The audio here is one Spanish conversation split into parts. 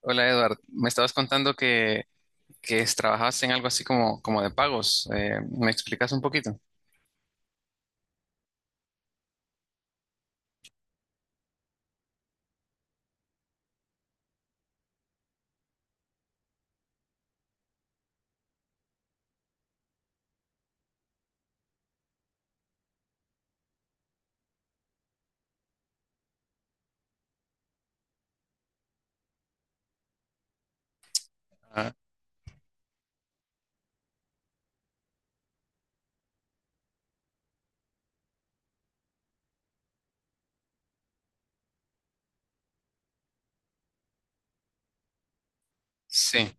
Hola Edward, me estabas contando que, trabajabas en algo así como, como de pagos. ¿Me explicas un poquito? Ah, sí,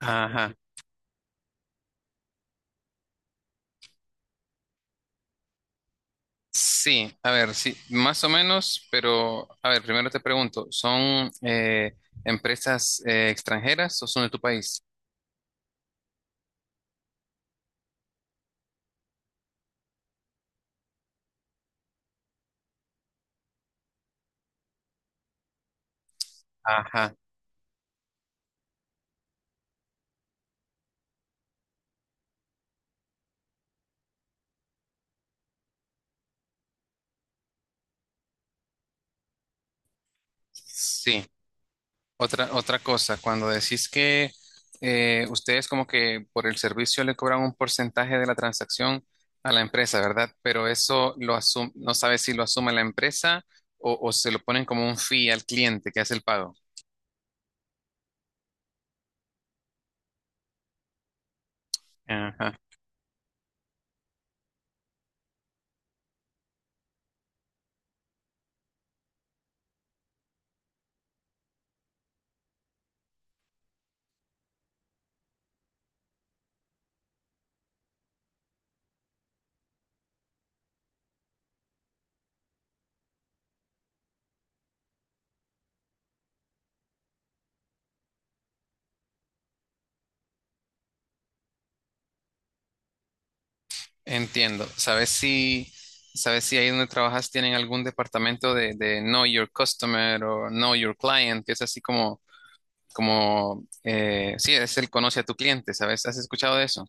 ajá. Sí, a ver, sí, más o menos, pero a ver, primero te pregunto, ¿son empresas extranjeras o son de tu país? Ajá, sí. Otra cosa, cuando decís que ustedes como que por el servicio le cobran un porcentaje de la transacción a la empresa, ¿verdad? Pero eso no sabes si lo asume la empresa o se lo ponen como un fee al cliente que hace el pago. Ajá. Entiendo. Sabes si ahí donde trabajas tienen algún departamento de Know Your Customer o Know Your Client, que es así como, como sí, es el conoce a tu cliente, ¿sabes? ¿Has escuchado de eso?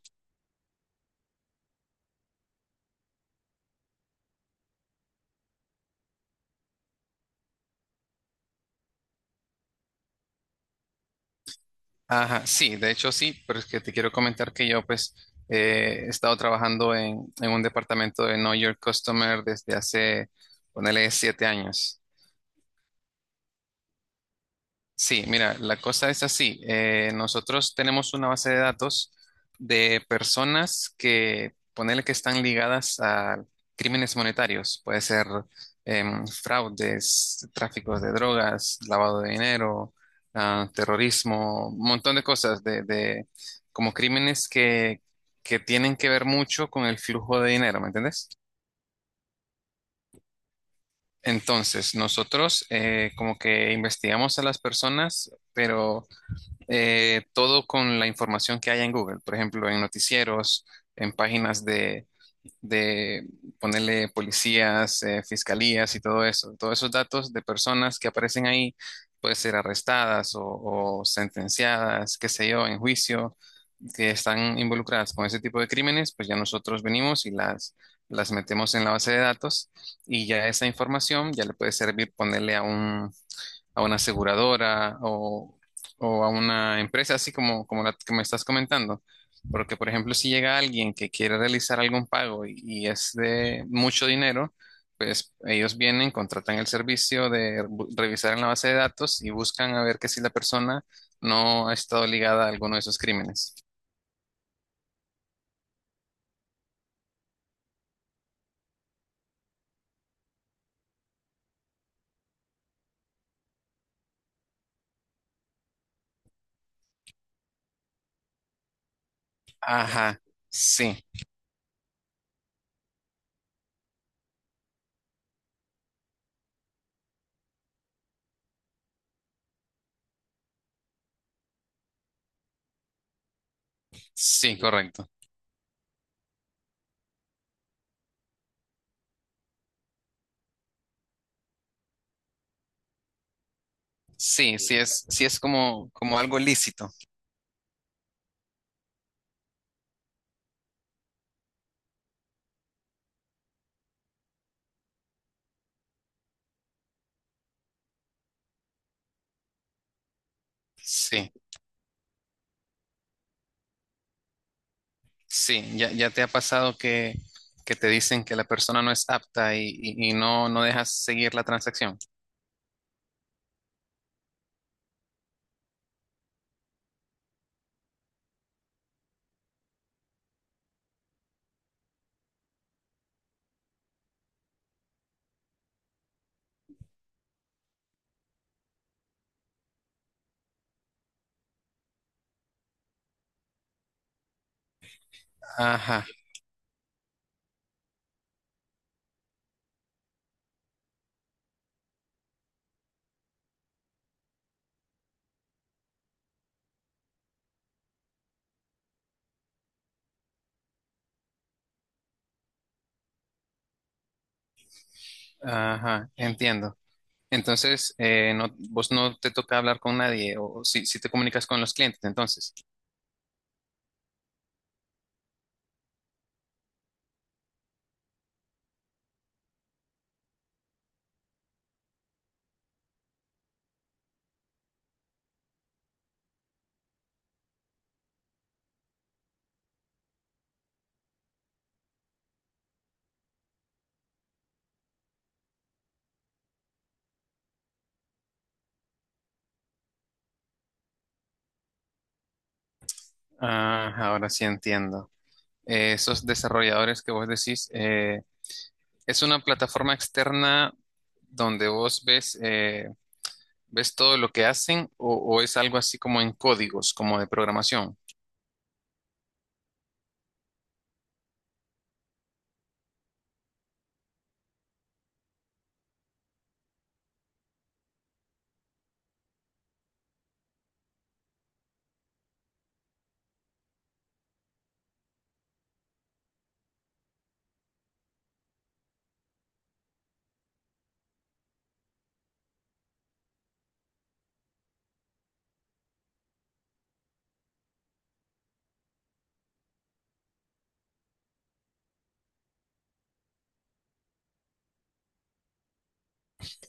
Ajá, sí, de hecho sí, pero es que te quiero comentar que yo pues he estado trabajando en un departamento de Know Your Customer desde hace, ponele, siete años. Sí, mira, la cosa es así. Nosotros tenemos una base de datos de personas que, ponele que están ligadas a crímenes monetarios. Puede ser fraudes, tráfico de drogas, lavado de dinero, ah, terrorismo, un montón de cosas como crímenes que tienen que ver mucho con el flujo de dinero, ¿me entiendes? Entonces, nosotros como que investigamos a las personas, pero todo con la información que haya en Google, por ejemplo, en noticieros, en páginas de ponerle policías, fiscalías y todo eso. Todos esos datos de personas que aparecen ahí, pueden ser arrestadas o sentenciadas, qué sé yo, en juicio, que están involucradas con ese tipo de crímenes, pues ya nosotros venimos y las metemos en la base de datos y ya esa información ya le puede servir ponerle a un a una aseguradora o a una empresa así como, como la que me estás comentando. Porque, por ejemplo, si llega alguien que quiere realizar algún pago y es de mucho dinero, pues ellos vienen, contratan el servicio de revisar en la base de datos y buscan a ver que si la persona no ha estado ligada a alguno de esos crímenes. Ajá, sí, sí, correcto. Sí, sí es como, como algo lícito. Sí. Sí, ya, ya te ha pasado que te dicen que la persona no es apta y, y no, no dejas seguir la transacción. Ajá, ajá, entiendo. Entonces, no, vos no te toca hablar con nadie o si, si te comunicas con los clientes, entonces. Ah, ahora sí entiendo. Esos desarrolladores que vos decís, es una plataforma externa donde vos ves, ves todo lo que hacen o es algo así como en códigos, como de programación.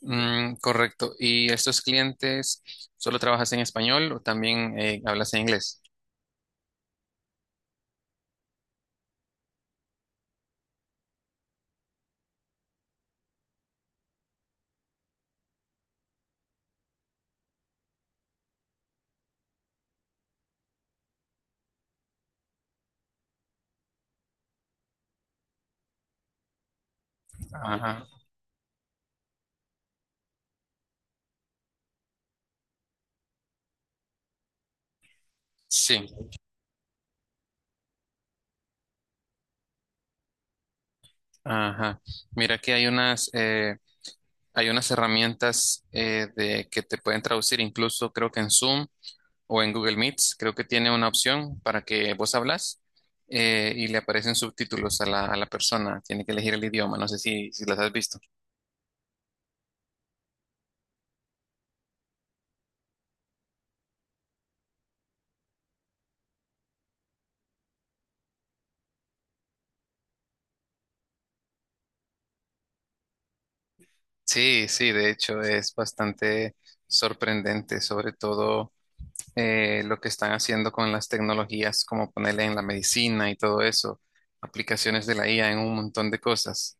Mm, correcto. ¿Y estos clientes solo trabajas en español o también hablas en inglés? Ajá. Sí. Ajá. Mira que hay unas herramientas que te pueden traducir, incluso creo que en Zoom o en Google Meets, creo que tiene una opción para que vos hablas y le aparecen subtítulos a la persona. Tiene que elegir el idioma. No sé si, si las has visto. Sí, sí, de hecho es bastante sorprendente, sobre todo. Lo que están haciendo con las tecnologías, como ponerle en la medicina y todo eso, aplicaciones de la IA en un montón de cosas.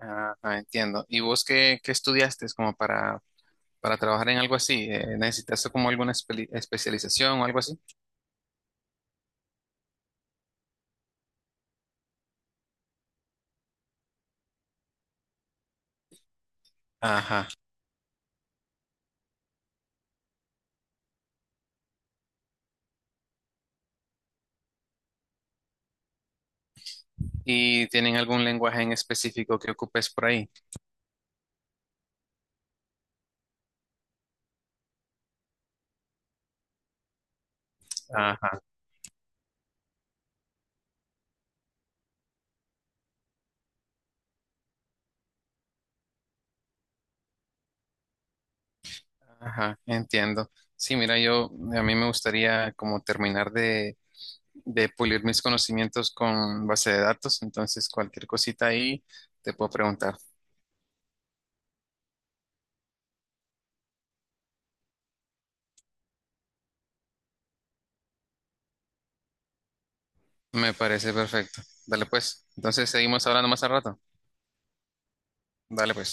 Ah, ah, entiendo. ¿Y vos qué, qué estudiaste como para trabajar en algo así? ¿Necesitaste como alguna especialización o algo así? Ajá. ¿Y tienen algún lenguaje en específico que ocupes por ahí? Ajá, ajá, entiendo. Sí, mira, yo a mí me gustaría como terminar de pulir mis conocimientos con base de datos, entonces cualquier cosita ahí te puedo preguntar. Me parece perfecto. Dale pues. Entonces seguimos hablando más al rato. Dale pues.